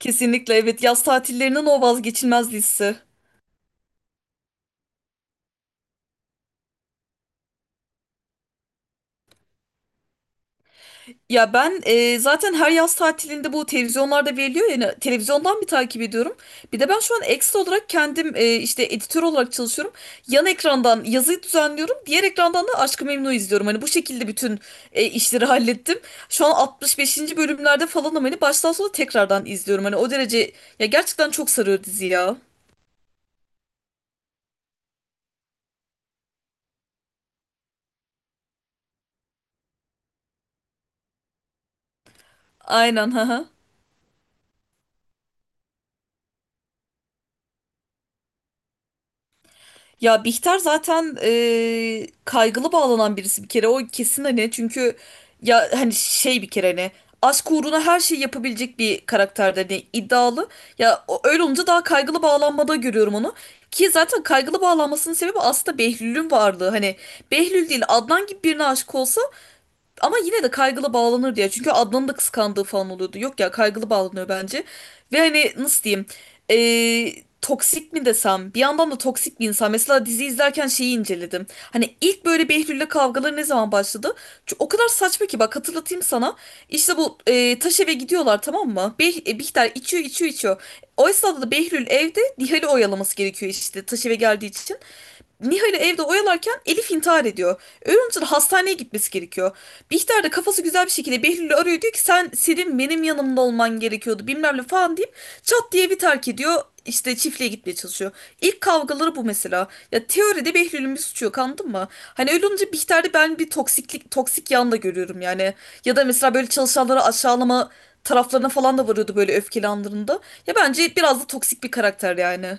Kesinlikle evet yaz tatillerinin o vazgeçilmez listesi. Ya ben zaten her yaz tatilinde bu televizyonlarda veriliyor, yani televizyondan bir takip ediyorum. Bir de ben şu an ekstra olarak kendim işte editör olarak çalışıyorum. Yan ekrandan yazıyı düzenliyorum. Diğer ekrandan da Aşk-ı Memnu izliyorum. Hani bu şekilde bütün işleri hallettim. Şu an 65. bölümlerde falan, ama hani baştan sona tekrardan izliyorum. Hani o derece, ya gerçekten çok sarıyor dizi ya. Aynen ha. Ya Bihter zaten kaygılı bağlanan birisi, bir kere o kesin hani, çünkü ya hani şey, bir kere hani aşk uğruna her şeyi yapabilecek bir karakter, hani iddialı. Öyle olunca daha kaygılı bağlanmada görüyorum onu. Ki zaten kaygılı bağlanmasının sebebi aslında Behlül'ün varlığı. Hani Behlül değil, Adnan gibi birine aşık olsa ama yine de kaygılı bağlanır diye. Çünkü Adnan'ın da kıskandığı falan oluyordu. Yok ya, kaygılı bağlanıyor bence. Ve hani nasıl diyeyim? Ee, Toksik mi desem? Bir yandan da toksik bir insan. Mesela dizi izlerken şeyi inceledim. Hani ilk böyle Behlül'le kavgaları ne zaman başladı? Çünkü o kadar saçma ki, bak hatırlatayım sana. İşte bu taş eve gidiyorlar, tamam mı? Bihter içiyor, içiyor, içiyor. O esnada da Behlül evde Nihal'i oyalaması gerekiyor, işte taş eve geldiği için. Nihal'i evde oyalarken Elif intihar ediyor. Onun hastaneye gitmesi gerekiyor. Bihter de kafası güzel bir şekilde Behlül'ü arıyor, diyor ki sen benim yanımda olman gerekiyordu, bilmem ne falan deyip çat diye bir terk ediyor. İşte çiftliğe gitmeye çalışıyor. İlk kavgaları bu mesela. Ya teoride Behlül'ün bir suçu yok, anladın mı? Hani öyle olunca Bihter'de ben bir toksiklik, toksik yan da görüyorum yani. Ya da mesela böyle çalışanları aşağılama taraflarına falan da varıyordu böyle öfkeli anlarında. Ya bence biraz da toksik bir karakter yani.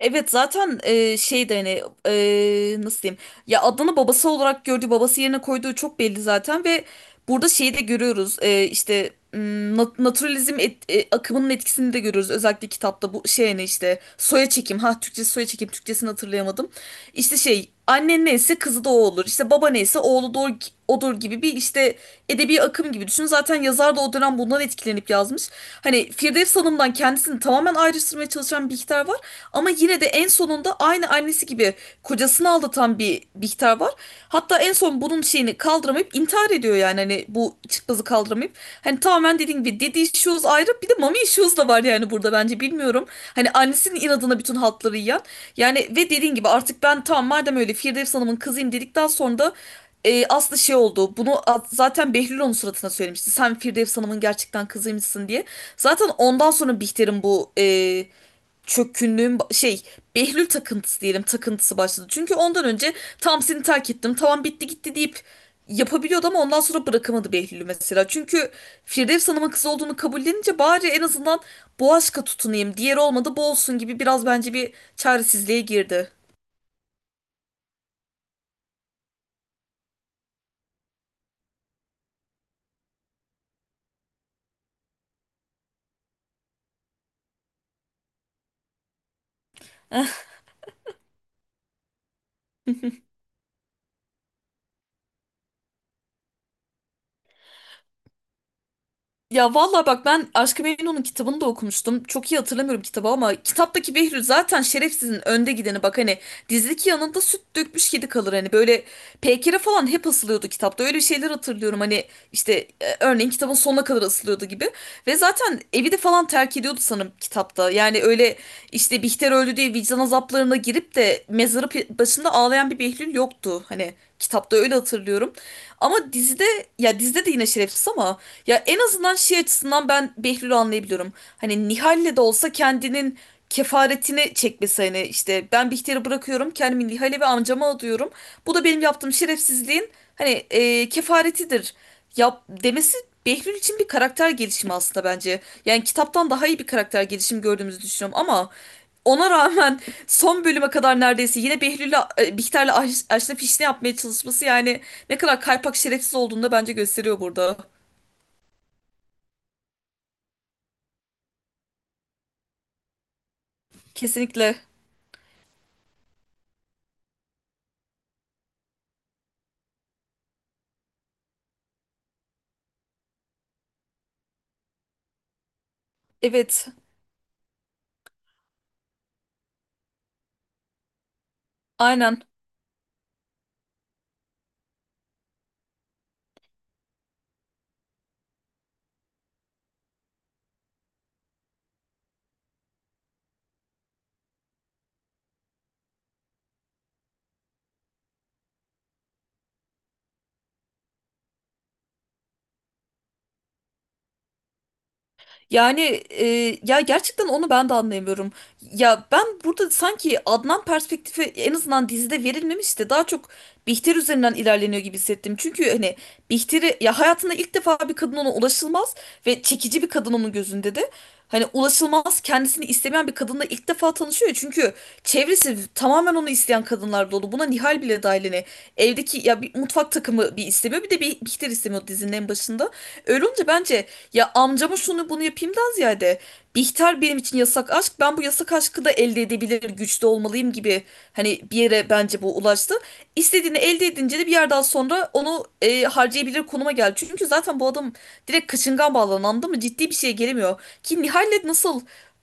Evet, zaten şey de hani, nasıl diyeyim, ya Adnan'ı babası olarak gördüğü, babası yerine koyduğu çok belli zaten. Ve burada şeyi de görüyoruz, işte naturalizm akımının etkisini de görüyoruz özellikle kitapta. Bu şey hani, işte soya çekim, ha Türkçesi soya çekim, Türkçesini hatırlayamadım. İşte şey, annen neyse kızı da o olur, işte baba neyse oğlu da odur gibi bir işte edebi akım gibi düşün. Zaten yazar da o dönem bundan etkilenip yazmış. Hani Firdevs Hanım'dan kendisini tamamen ayrıştırmaya çalışan bir Bihter var, ama yine de en sonunda aynı annesi gibi kocasını aldatan bir Bihter var. Hatta en son bunun şeyini kaldıramayıp intihar ediyor, yani hani bu çıkmazı kaldıramayıp. Hani tamamen dediğim gibi daddy issues ayrı, bir de mommy issues da var yani burada bence, bilmiyorum. Hani annesinin inadına bütün haltları yiyen. Yani ve dediğin gibi artık ben tamam, madem öyle Firdevs Hanım'ın kızıyım dedikten sonra da aslı şey oldu. Zaten Behlül onun suratına söylemişti. Sen Firdevs Hanım'ın gerçekten kızıymışsın diye. Zaten ondan sonra Bihter'in bu çökkünlüğün ba- şey Behlül takıntısı, diyelim takıntısı başladı. Çünkü ondan önce tam seni terk ettim, tamam bitti gitti deyip yapabiliyordu, ama ondan sonra bırakamadı Behlül'ü mesela. Çünkü Firdevs Hanım'ın kızı olduğunu kabullenince bari en azından bu aşka tutunayım, diğeri olmadı bu olsun gibi, biraz bence bir çaresizliğe girdi. Ya vallahi bak, ben Aşk-ı Memnu'nun kitabını da okumuştum. Çok iyi hatırlamıyorum kitabı, ama kitaptaki Behlül zaten şerefsizin önde gideni. Bak hani, dizdeki yanında süt dökmüş kedi kalır. Hani böyle Peykire falan hep asılıyordu kitapta. Öyle şeyler hatırlıyorum. Hani işte, örneğin kitabın sonuna kadar asılıyordu gibi. Ve zaten evi de falan terk ediyordu sanırım kitapta. Yani öyle işte, Bihter öldü diye vicdan azaplarına girip de başında ağlayan bir Behlül yoktu. Hani kitapta öyle hatırlıyorum. Ama dizide, ya dizide de yine şerefsiz, ama ya en azından şey açısından ben Behlül'ü anlayabiliyorum. Hani Nihal'le de olsa kendinin kefaretini çekmesi, hani işte ben Bihter'i bırakıyorum, kendimi Nihal'e ve amcama adıyorum. Bu da benim yaptığım şerefsizliğin hani kefaretidir. Yap demesi Behlül için bir karakter gelişimi aslında bence. Yani kitaptan daha iyi bir karakter gelişimi gördüğümüzü düşünüyorum, ama ona rağmen son bölüme kadar neredeyse yine Behlül'le Bihter'le aşna fişne yapmaya çalışması, yani ne kadar kaypak şerefsiz olduğunu da bence gösteriyor burada. Kesinlikle. Evet. Aynen. Yani, e, ya gerçekten onu ben de anlayamıyorum. Ya ben burada sanki Adnan perspektifi en azından dizide verilmemiş de daha çok Bihter üzerinden ilerleniyor gibi hissettim. Çünkü hani Bihter'i, ya hayatında ilk defa bir kadın ona ulaşılmaz ve çekici bir kadın onun gözünde de. Hani ulaşılmaz, kendisini istemeyen bir kadınla ilk defa tanışıyor. Çünkü çevresi tamamen onu isteyen kadınlar dolu. Buna Nihal bile dahil, hani. Evdeki ya, bir mutfak takımı bir istemiyor, bir de bir Bihter istemiyor dizinin en başında. Öyle olunca bence, ya amcama şunu bunu yapayımdan ziyade, Bihter benim için yasak aşk, ben bu yasak aşkı da elde edebilir güçte olmalıyım gibi, hani bir yere bence bu ulaştı. İstediğini elde edince de bir yerden sonra onu harcayabilir konuma geldi. Çünkü zaten bu adam direkt kaçıngan bağlanan, anladın mı, ciddi bir şeye gelemiyor. Ki Nihal'le nasıl,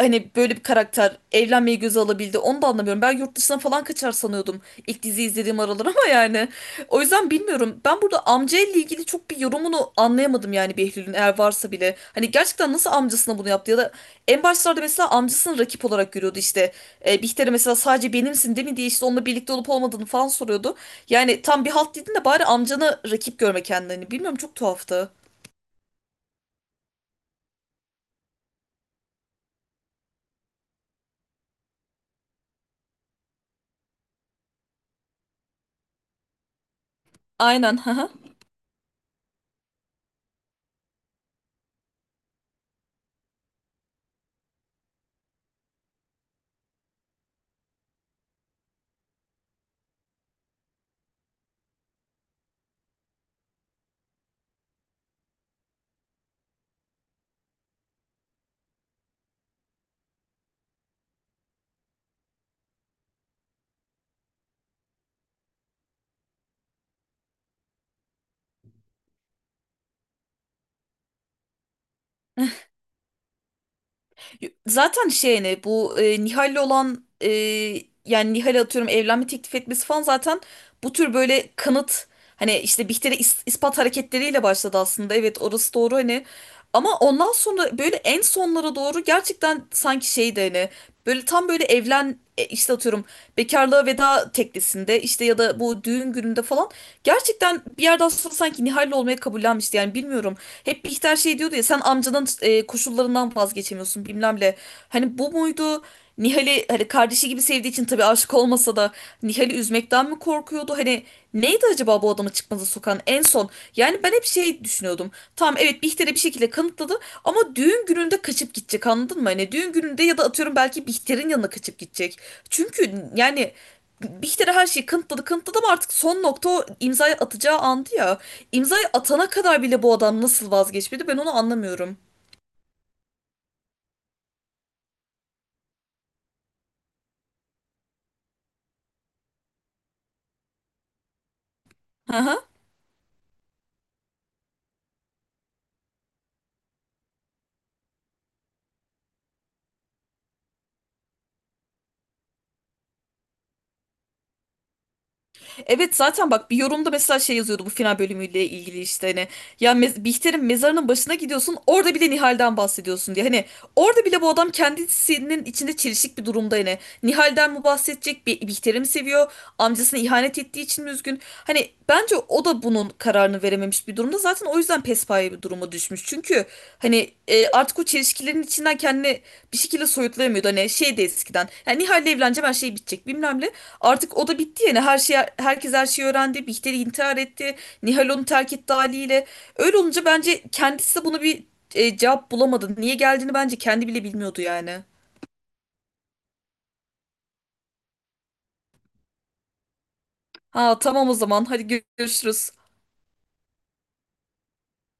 hani böyle bir karakter evlenmeyi göze alabildi, onu da anlamıyorum. Ben yurt dışına falan kaçar sanıyordum ilk dizi izlediğim aralar, ama yani. O yüzden bilmiyorum. Ben burada amca ile ilgili çok bir yorumunu anlayamadım yani Behlül'ün, eğer varsa bile. Hani gerçekten nasıl amcasına bunu yaptı, ya da en başlarda mesela amcasını rakip olarak görüyordu işte. Bihter'e mesela sadece benimsin değil mi diye, işte onunla birlikte olup olmadığını falan soruyordu. Yani tam bir halt dedin de, bari amcanı rakip görme kendini. Bilmiyorum, çok tuhaftı. Aynen. Zaten şey ne, bu Nihal'le olan, yani Nihal'e atıyorum evlenme teklif etmesi falan zaten bu tür böyle kanıt, hani işte Bihter'e ispat hareketleriyle başladı aslında. Evet, orası doğru hani, ama ondan sonra böyle en sonlara doğru gerçekten sanki şeydi hani, böyle tam böyle işte atıyorum bekarlığa veda teklisinde işte, ya da bu düğün gününde falan, gerçekten bir yerden sonra sanki Nihal'le olmaya kabullenmişti yani, bilmiyorum. Hep Bihter şey diyordu ya, sen amcanın koşullarından vazgeçemiyorsun bilmem ne. Hani bu muydu? Nihal'i hani kardeşi gibi sevdiği için, tabii aşık olmasa da Nihal'i üzmekten mi korkuyordu? Hani neydi acaba bu adamı çıkmaza sokan en son? Yani ben hep şey düşünüyordum. Tamam evet, Bihter'e bir şekilde kanıtladı, ama düğün gününde kaçıp gidecek, anladın mı? Hani düğün gününde ya da atıyorum belki Bihter'in yanına kaçıp gidecek. Çünkü yani Bihter'e her şeyi kanıtladı, ama artık son nokta o imzayı atacağı andı ya. İmzayı atana kadar bile bu adam nasıl vazgeçmedi, ben onu anlamıyorum. Hı hı. Evet zaten bak, bir yorumda mesela şey yazıyordu bu final bölümüyle ilgili, işte hani ya Bihter'in mezarının başına gidiyorsun, orada bile Nihal'den bahsediyorsun diye. Hani orada bile bu adam kendisinin içinde çelişik bir durumda, hani Nihal'den mi bahsedecek bir, Bihter'i mi seviyor, amcasına ihanet ettiği için mi üzgün, hani bence o da bunun kararını verememiş bir durumda. Zaten o yüzden pespaye bir duruma düşmüş çünkü hani, artık o çelişkilerin içinden kendini bir şekilde soyutlayamıyordu. Hani şey de eskiden, yani Nihal'le evleneceğim, her şey bitecek bilmem ne. Artık o da bitti yani, her şey, herkes her şeyi öğrendi. Bihter intihar etti. Nihal onu terk etti haliyle. Öyle olunca bence kendisi de bunu bir cevap bulamadı. Niye geldiğini bence kendi bile bilmiyordu yani. Ha tamam, o zaman hadi görüşürüz.